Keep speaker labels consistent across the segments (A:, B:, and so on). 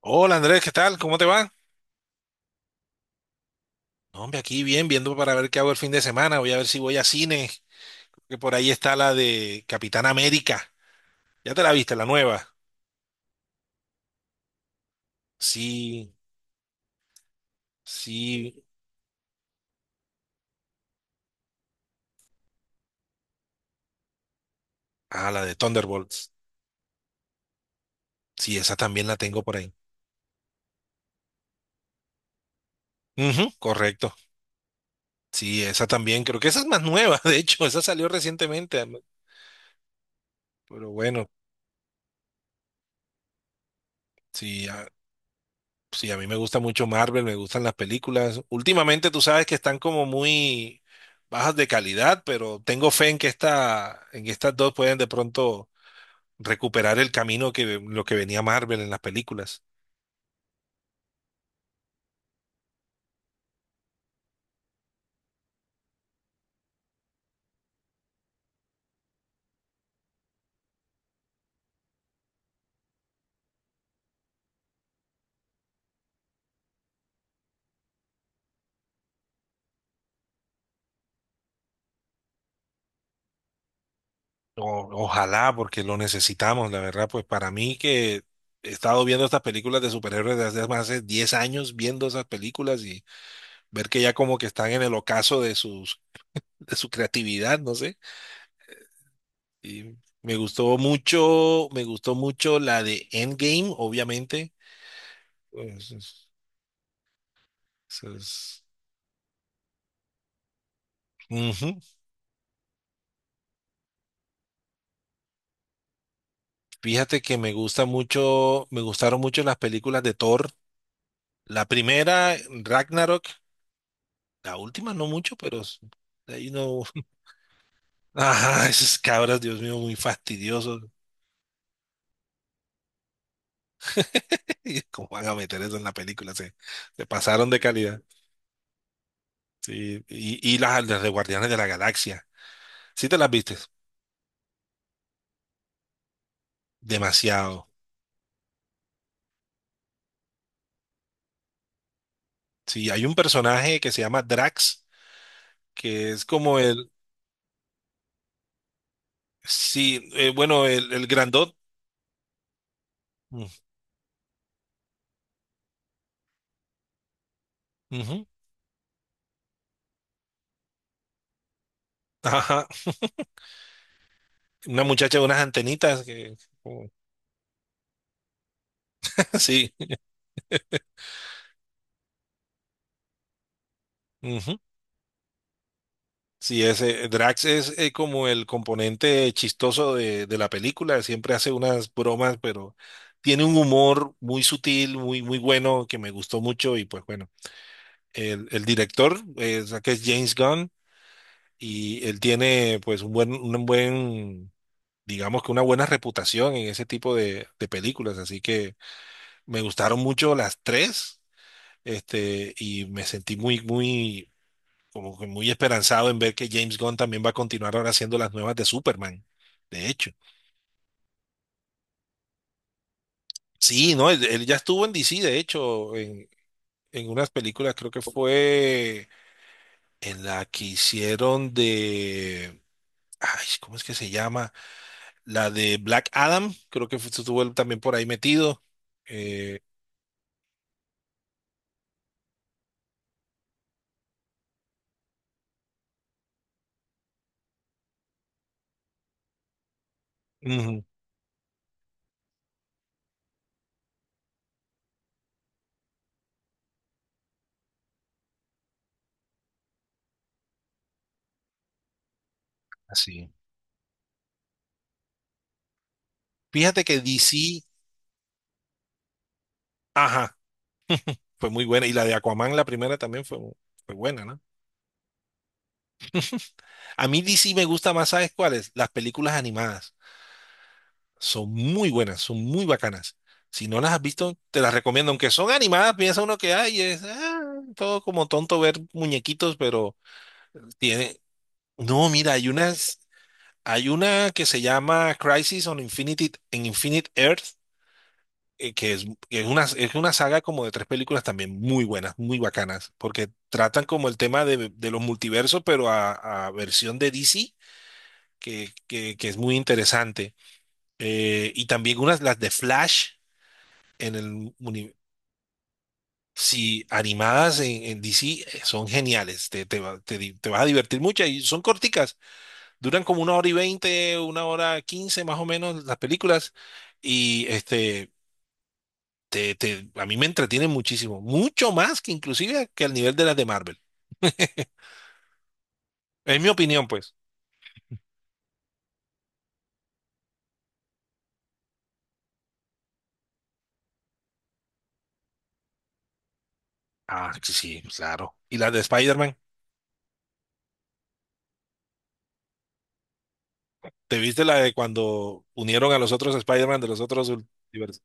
A: Hola Andrés, ¿qué tal? ¿Cómo te va? No, hombre, aquí bien, viendo para ver qué hago el fin de semana. Voy a ver si voy a cine, que por ahí está la de Capitán América. ¿Ya te la viste, la nueva? Sí, sí. Ah, la de Thunderbolts. Sí, esa también la tengo por ahí. Ujú, correcto. Sí, esa también. Creo que esa es más nueva, de hecho. Esa salió recientemente. Pero bueno, sí. Sí, a mí me gusta mucho Marvel, me gustan las películas. Últimamente tú sabes que están como muy bajas de calidad, pero tengo fe en que esta, en que estas dos pueden de pronto recuperar el camino que lo que venía Marvel en las películas. Ojalá, porque lo necesitamos, la verdad, pues para mí que he estado viendo estas películas de superhéroes desde hace más de 10 años, viendo esas películas y ver que ya como que están en el ocaso de sus, de su creatividad, no sé. Y me gustó mucho la de Endgame, obviamente. Pues, eso es- Ujú. Fíjate que me gusta mucho, me gustaron mucho las películas de Thor. La primera, Ragnarok, la última no mucho, de ahí no. Ajá, esas cabras, Dios mío, muy fastidiosos. ¿Cómo van a meter eso en la película? Se pasaron de calidad. Sí, y las de Guardianes de la Galaxia. ¿Sí te las viste? Demasiado. Sí, hay un personaje que se llama Drax, que es como el, sí, bueno, el grandot. Mm, ujú. Ajá. Una muchacha de unas antenitas que, como- sí, ujú. Sí, ese Drax es como el componente chistoso de la película, siempre hace unas bromas, pero tiene un humor muy sutil, muy, muy bueno, que me gustó mucho y pues bueno, el director, que es James Gunn, y él tiene pues un buen digamos que una buena reputación en ese tipo de películas. Así que me gustaron mucho las tres, y me sentí como que muy esperanzado en ver que James Gunn también va a continuar ahora haciendo las nuevas de Superman. De hecho, sí, no, él ya estuvo en DC, de hecho, en unas películas, creo que fue en la que hicieron de. Ay, ¿cómo es que se llama? La de Black Adam, estuvo él también por ahí metido. Eh, Ujú, así. Fíjate que DC, ajá, fue muy buena. Y la de Aquaman, la primera también fue buena, ¿no? A mí DC me gusta más, ¿sabes cuáles? Las películas animadas. Son muy buenas, son muy bacanas. Si no las has visto, te las recomiendo. Aunque son animadas, piensa uno que hay, es todo como tonto ver muñequitos, pero tiene. No, mira, hay unas, hay una que se llama Crisis on Infinity, en Infinite Earth es una saga como de tres películas también muy buenas, muy bacanas, porque tratan como el tema de los multiversos, pero a versión de DC, que es muy interesante. Y también unas, las de Flash en el uni- Sí, animadas en DC son geniales, te, va- te di- te vas a divertir mucho y son corticas, duran como una hora y veinte, una hora quince más o menos las películas y a mí me entretiene muchísimo, mucho más que inclusive que al nivel de las de Marvel. Es mi opinión, pues. Ah, sí, sí, claro. ¿Y las de Spider-Man? ¿Te viste la de cuando unieron a los otros Spider-Man de los otros universos?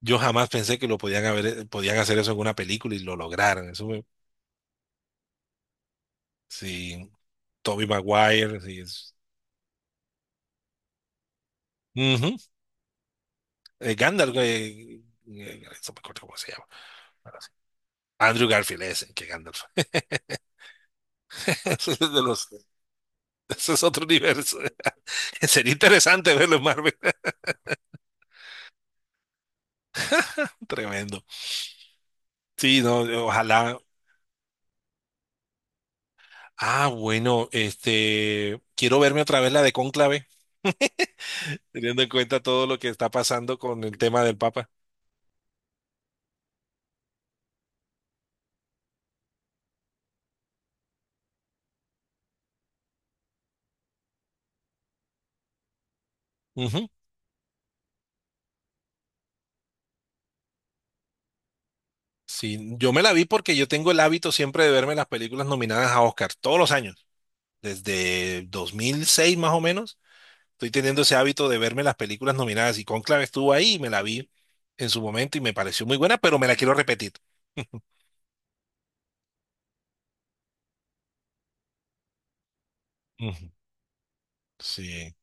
A: Yo jamás pensé que lo podían haber, podían hacer eso en una película y lo lograron. Sí, Tobey Maguire, sí. Ujú. Gandalf, no me acuerdo cómo se llama. Ahora sí. Andrew Garfield, ese, que Gandalf. Ese es de los, ese es otro universo. Sería interesante verlo en Marvel. Tremendo. Sí, no, ojalá. Ah, bueno, quiero verme otra vez la de Cónclave, teniendo en cuenta todo lo que está pasando con el tema del Papa. Ujú. Sí, yo me la vi porque yo tengo el hábito siempre de verme las películas nominadas a Oscar todos los años, desde 2006 más o menos. Estoy teniendo ese hábito de verme las películas nominadas y Cónclave estuvo ahí y me la vi en su momento y me pareció muy buena, pero me la quiero repetir. Ujú. Sí.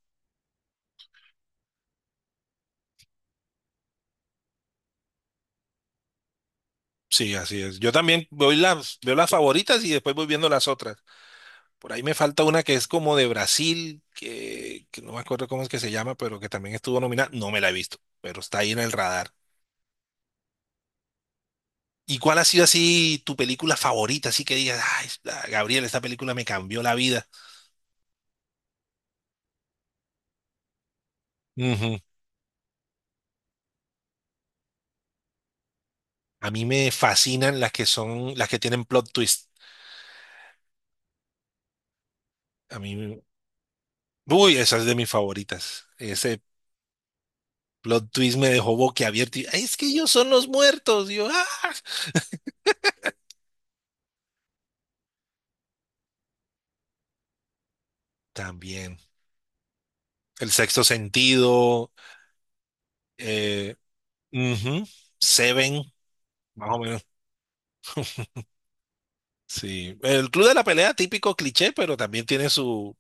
A: Sí, así es. Yo también voy las, veo las favoritas y después voy viendo las otras. Por ahí me falta una que es como de Brasil, que no me acuerdo cómo es que se llama, pero que también estuvo nominada. No me la he visto, pero está ahí en el radar. ¿Y cuál ha sido así tu película favorita? Así que digas, ay, Gabriel, esta película me cambió la vida. Ujú. A mí me fascinan las que son, las que tienen plot twist. A mí, uy, esa es de mis favoritas. Ese plot twist me dejó boquiabierto. Y, "Ay, es que ellos son los muertos. Y yo, ah, también. El sexto sentido, eh, ujú, Seven, más o menos. Sí. El Club de la Pelea, típico cliché, pero también tiene su.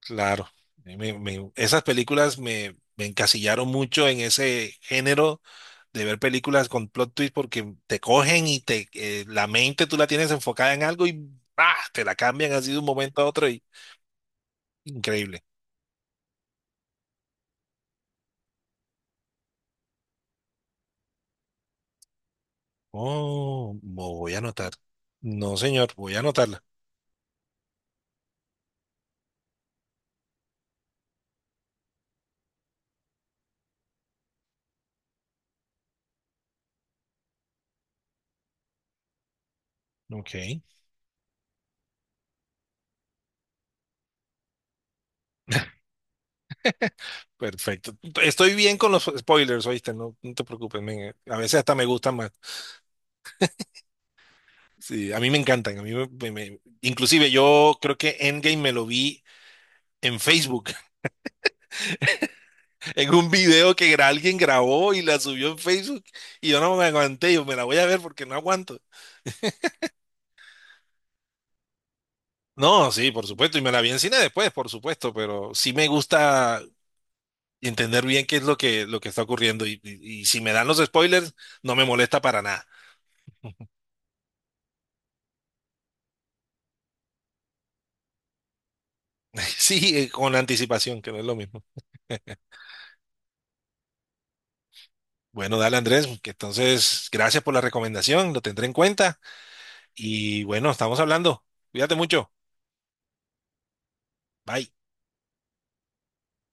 A: Claro. Esas películas me encasillaron mucho en ese género de ver películas con plot twist porque te cogen y te la mente tú la tienes enfocada en algo y ¡ah! Te la cambian así de un momento a otro y increíble. Oh, voy a anotar. No, señor, voy a anotarla. Ok. Perfecto. Estoy bien con los spoilers, oíste, no, no te preocupes, men, a veces hasta me gustan más. Sí, a mí me encantan, a mí inclusive yo creo que Endgame me lo vi en Facebook, en un video que alguien grabó y la subió en Facebook y yo no me aguanté, yo me la voy a ver porque no aguanto. No, sí, por supuesto, y me la vi en cine después, por supuesto, pero sí me gusta entender bien qué es lo que, está ocurriendo y si me dan los spoilers, no me molesta para nada. Sí, con anticipación, que no es lo mismo. Bueno, dale Andrés, que entonces gracias por la recomendación, lo tendré en cuenta y bueno, estamos hablando. Cuídate mucho. Bye.